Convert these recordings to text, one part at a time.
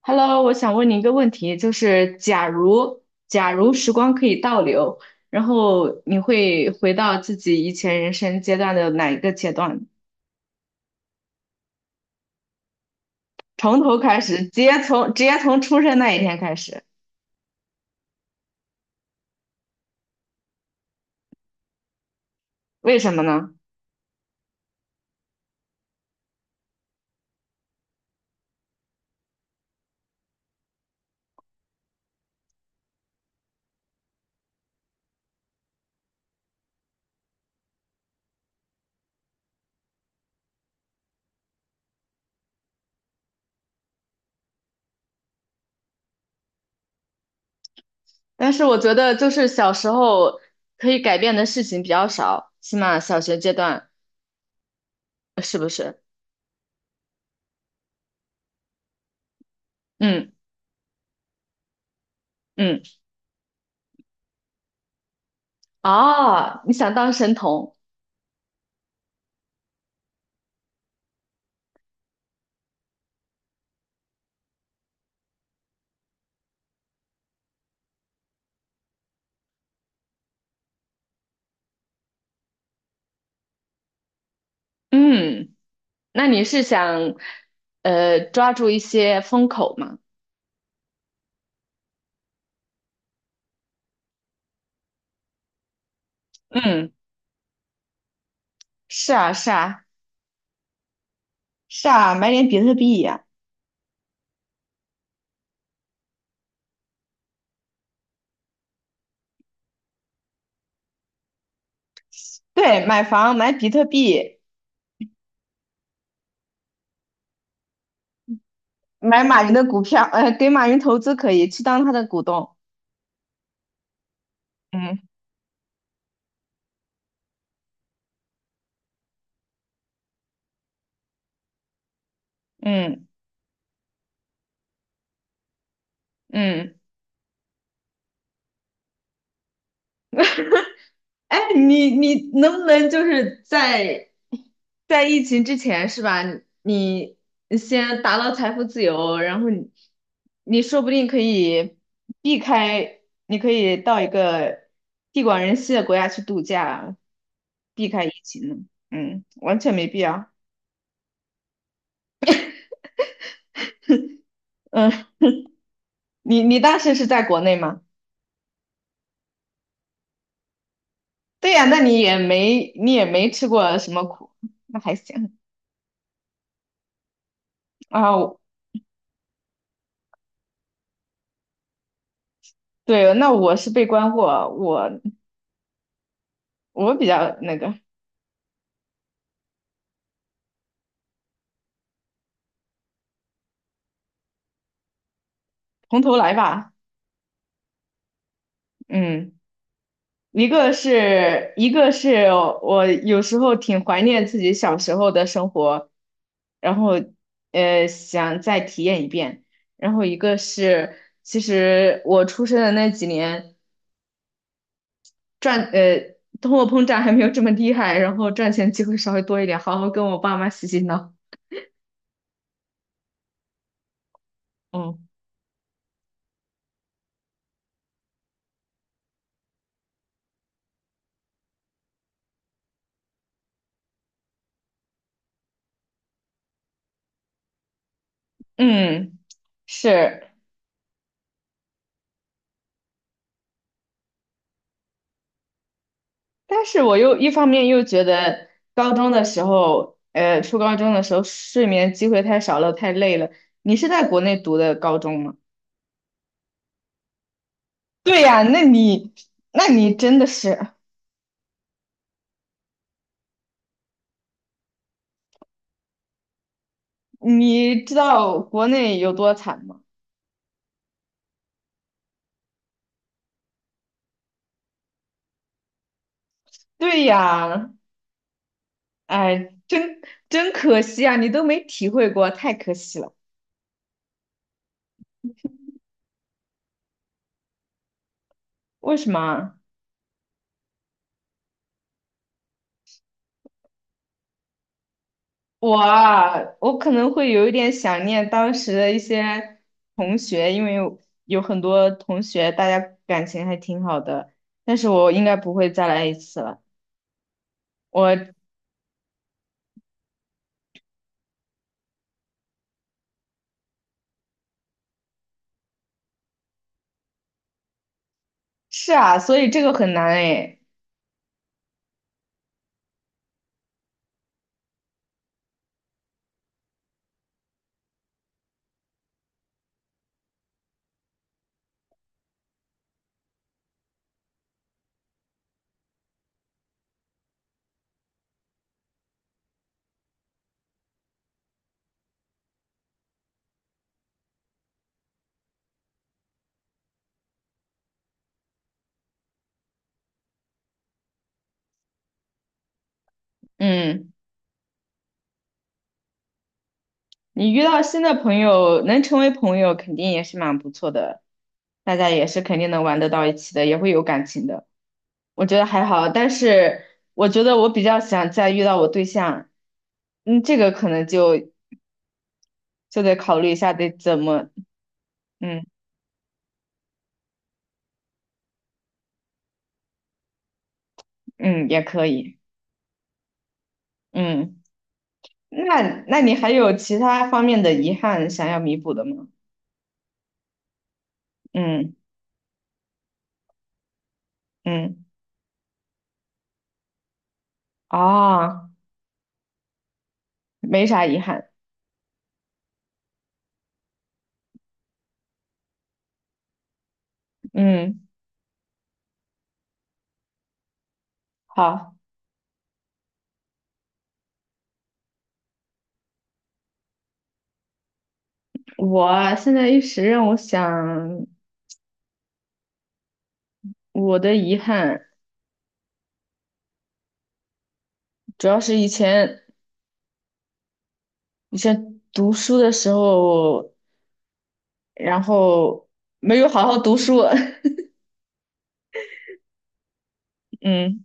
Hello，我想问你一个问题，就是假如时光可以倒流，然后你会回到自己以前人生阶段的哪一个阶段？从头开始，直接从出生那一天开始，为什么呢？但是我觉得就是小时候可以改变的事情比较少，起码小学阶段是不是？嗯嗯，哦，你想当神童？嗯，那你是想抓住一些风口吗？嗯。是啊，是啊，是啊，买点比特币呀、对，买房，买比特币，买马云的股票，给马云投资可以，去当他的股东。嗯嗯嗯，哎，你能不能就是在在疫情之前是吧？你你先达到财富自由，然后你你说不定可以避开，你可以到一个地广人稀的国家去度假，避开疫情呢。嗯，完全没必要。嗯，你当时是在国内吗？对呀，那你也没你也没吃过什么苦，那还行啊。对，那我是被关过，我比较那个，从头来吧。嗯，一个是一个是我有时候挺怀念自己小时候的生活，然后想再体验一遍。然后一个是，其实我出生的那几年。通货膨胀还没有这么厉害，然后赚钱机会稍微多一点，好好跟我爸妈洗洗脑。嗯嗯，是，但是我又一方面又觉得高中的时候，初高中的时候睡眠机会太少了，太累了。你是在国内读的高中吗？对呀，那你真的是，你知道国内有多惨吗？对呀，哎，真可惜啊，你都没体会过，太可惜了。为什么啊我啊，我可能会有一点想念当时的一些同学，因为有很多同学大家感情还挺好的，但是我应该不会再来一次了。我是啊，所以这个很难诶。嗯，你遇到新的朋友，能成为朋友肯定也是蛮不错的，大家也是肯定能玩得到一起的，也会有感情的。我觉得还好，但是我觉得我比较想再遇到我对象，嗯，这个可能就得考虑一下得怎么，嗯嗯，也可以，嗯，那你还有其他方面的遗憾想要弥补的吗？嗯嗯，哦，没啥遗憾，嗯，好，我现在一时让我想，我的遗憾主要是以前读书的时候，然后没有好好读书，嗯。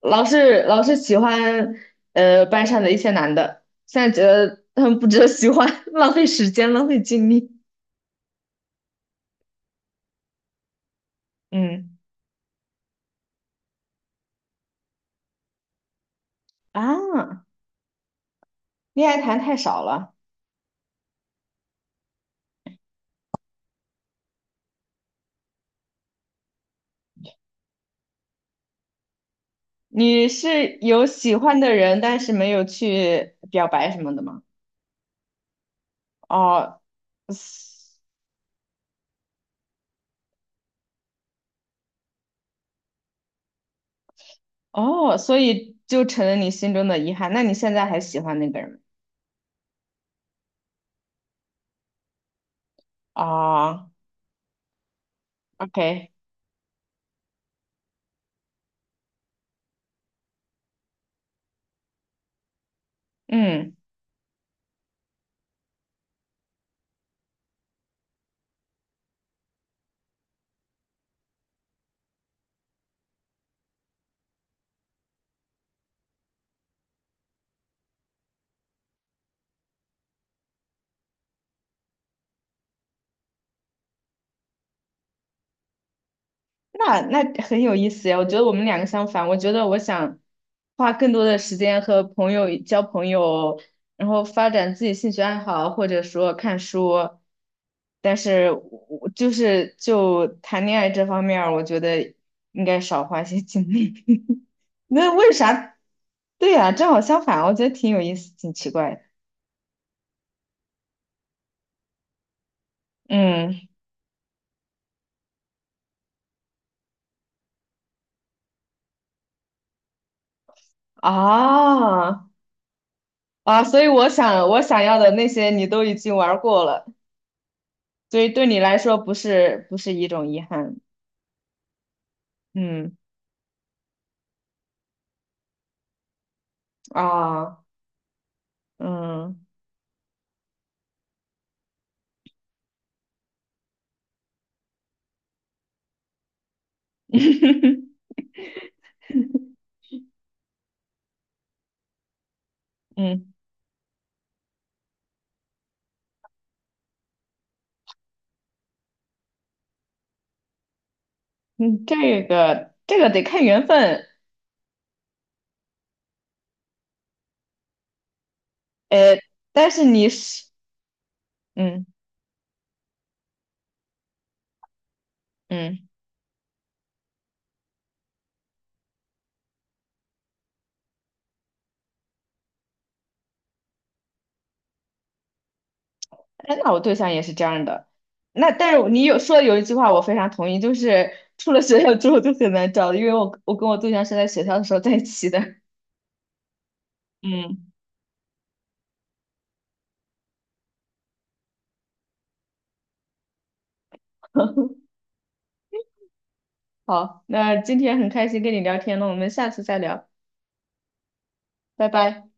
老是喜欢班上的一些男的，现在觉得他们不值得喜欢，浪费时间，浪费精力。嗯啊，恋爱谈太少了。你是有喜欢的人，但是没有去表白什么的吗？哦，嘶哦，所以就成了你心中的遗憾。那你现在还喜欢那个人吗？哦，OK,嗯。那很有意思呀，我觉得我们两个相反。我觉得我想花更多的时间和朋友交朋友，然后发展自己兴趣爱好，或者说看书。但是我就谈恋爱这方面儿我觉得应该少花些精力。那为啥？对呀，正好相反，我觉得挺有意思，挺奇怪的。嗯，啊啊，所以我想我想要的那些你都已经玩儿过了。所以对你来说不是一种遗憾，嗯啊，嗯嗯嗯，这个得看缘分，呃，但是你是，嗯嗯，哎，那我对象也是这样的，那但是你有说的有一句话我非常同意，就是出了学校之后就很难找的因为我跟我对象是在学校的时候在一起的，嗯，好，那今天很开心跟你聊天了，我们下次再聊，拜拜。